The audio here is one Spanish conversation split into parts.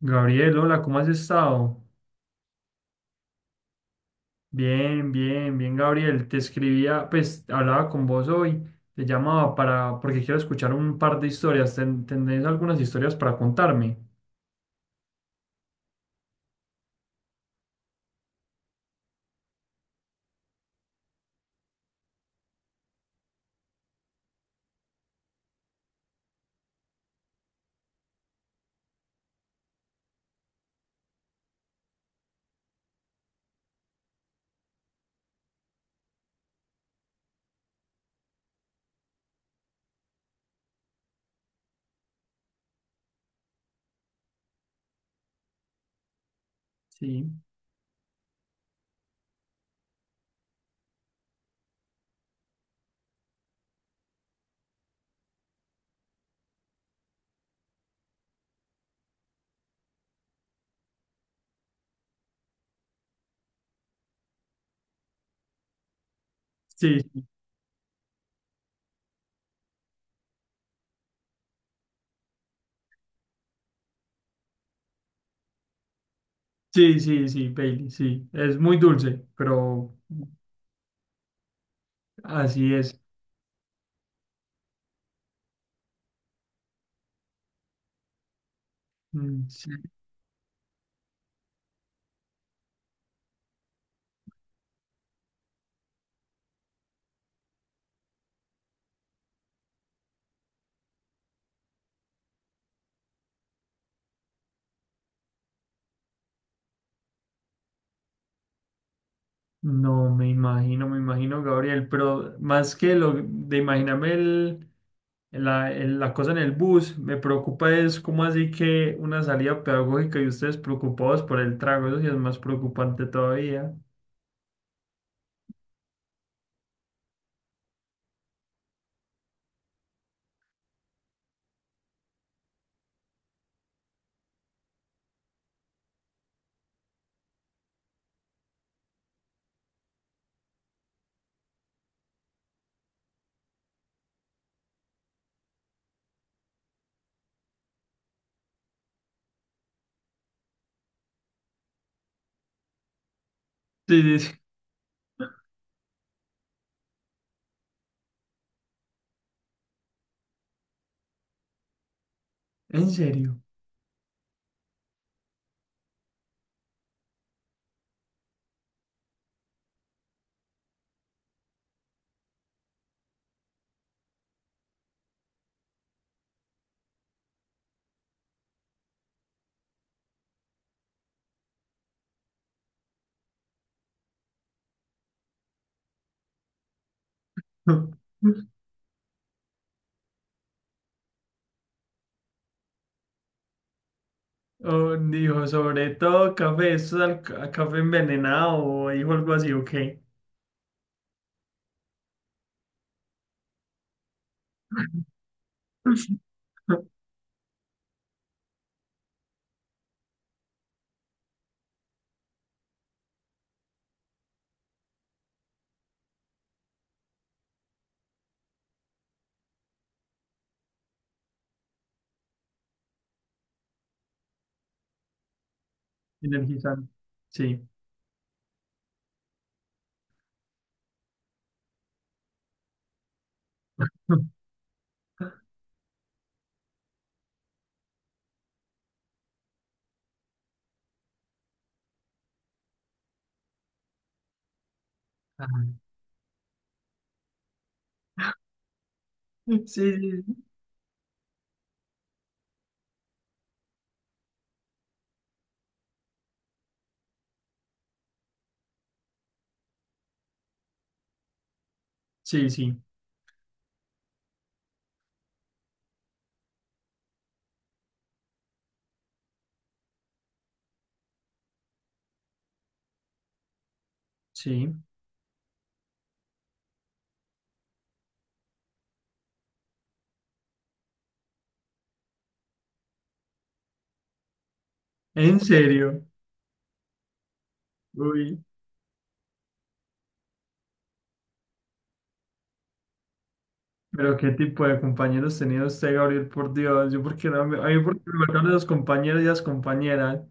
Gabriel, hola, ¿cómo has estado? Bien, bien, bien, Gabriel. Te escribía, pues hablaba con vos hoy, te llamaba para, porque quiero escuchar un par de historias. ¿Tenés algunas historias para contarme? Sí, sí, sí, sí, sí, Bailey, sí. Es muy dulce, pero así es. Mm, sí. No, me imagino, Gabriel, pero más que lo de imaginarme el la, la cosa en el bus. Me preocupa es cómo así que una salida pedagógica y ustedes preocupados por el trago. Eso sí es más preocupante todavía. Sí, sí, sí. En serio. Oh, dijo, sobre todo café, esto es café envenenado, o dijo algo así, ok. Energizante. Sí. Ajá. Sí, sí, sí, sí, sí. En serio. Uy. Pero qué tipo de compañeros tenía usted, Gabriel, por Dios. Yo porque no me, a mí porque me marcaron esos compañeros y las compañeras.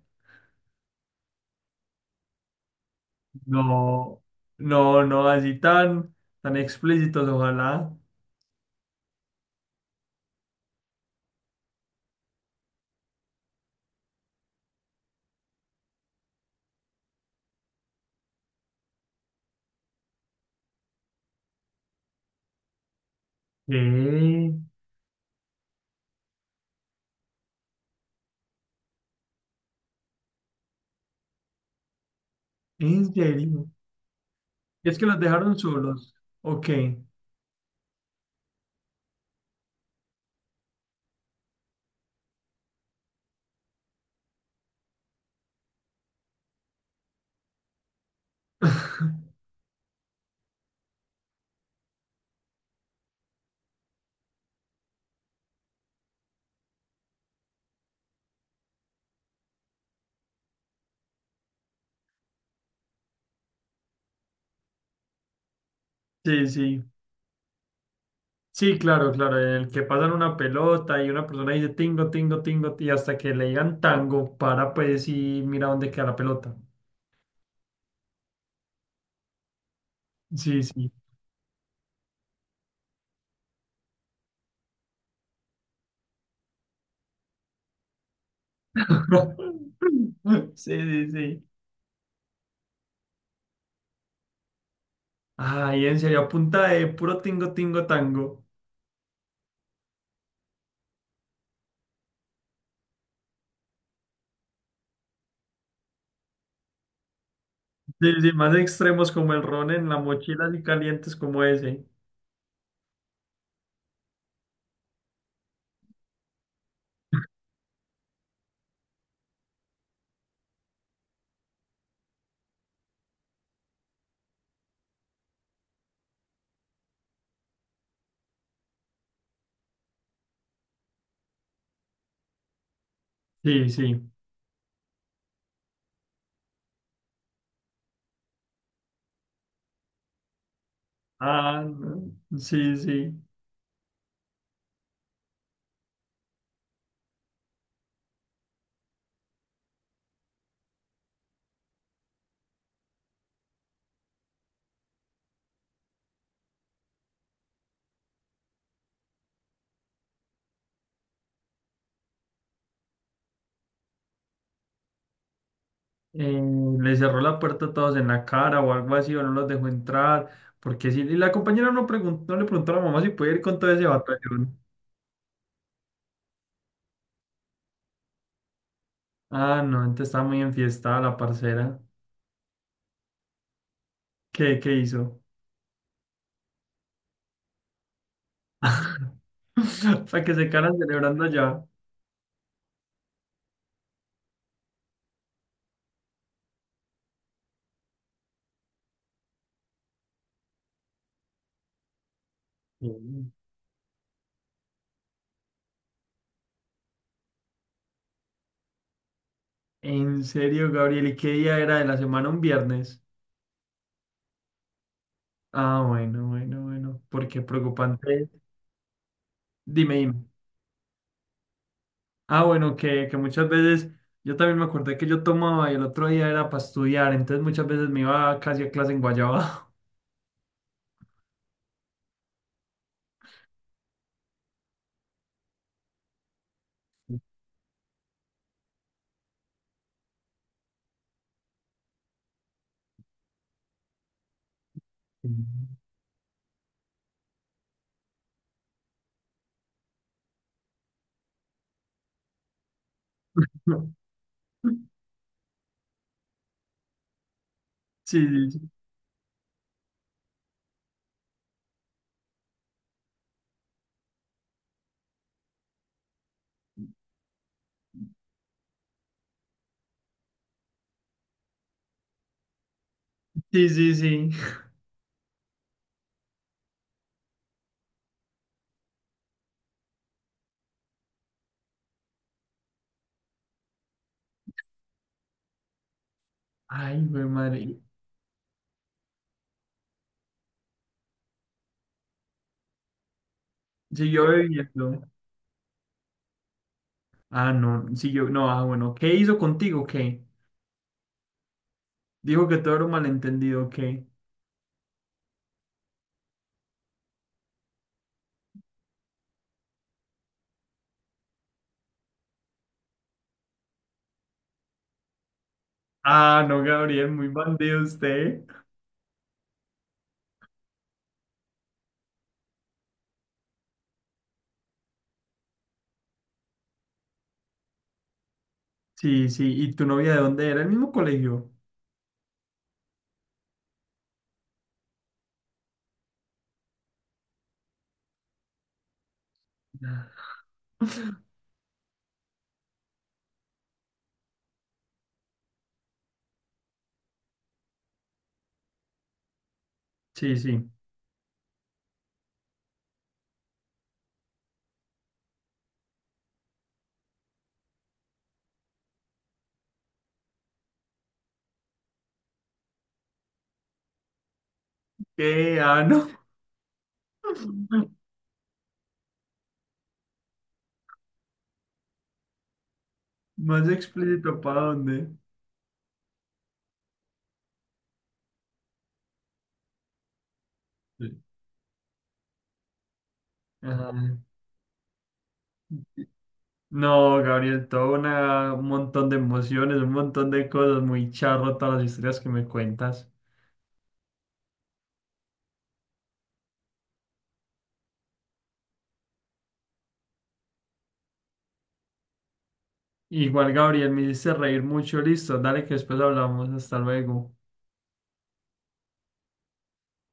No, no, no, así tan, tan explícitos, ojalá. ¿Qué? ¿En serio? ¿Es que los dejaron solos? Ok. Sí, sí. Sí, claro, claro. En el que pasan una pelota y una persona dice tingo, tingo, tingo, y hasta que le digan tango, para pues y mira dónde queda la pelota. Sí, sí. Sí, sí, sí. Ay, en serio, a punta de puro tingo, tingo, tango. Sí, sí, más extremos como el ron en la mochila y calientes como ese. Sí, sí. Ah, no, sí, sí. Eh, le cerró la puerta a todos en la cara o algo así, o no los dejó entrar. Porque sí, y la compañera no, no le preguntó a la mamá si puede ir con todo ese batallón. Ah, no, entonces estaba muy enfiestada la parcera. ¿Qué, qué hizo? Para que se quedaran celebrando allá. Sí. En serio, Gabriel, ¿y qué día era de la semana? ¿Un viernes? Ah, bueno, bueno, bueno, porque preocupante. Dime, dime. Ah, bueno, que muchas veces yo también me acordé que yo tomaba y el otro día era para estudiar, entonces muchas veces me iba casi a clase en Guayaba. Sí, sí, sí, sí, sí. Sí. Ay, güey, madre. Siguió bebiendo. Ah, no, siguió, no, ah, bueno, ¿qué hizo contigo? ¿Qué? Dijo que todo era un malentendido, ¿qué? Ah, no, Gabriel, muy bandido usted. Sí, sí, ¿y tu novia de dónde era? ¿El mismo colegio? Ah, sí, sí. ¿Qué? Ah, no. Más explícito, ¿para dónde? Sí. Ajá. No, Gabriel, todo un montón de emociones, un montón de cosas, muy charro todas las historias que me cuentas. Igual, Gabriel, me hiciste reír mucho, listo, dale que después hablamos, hasta luego.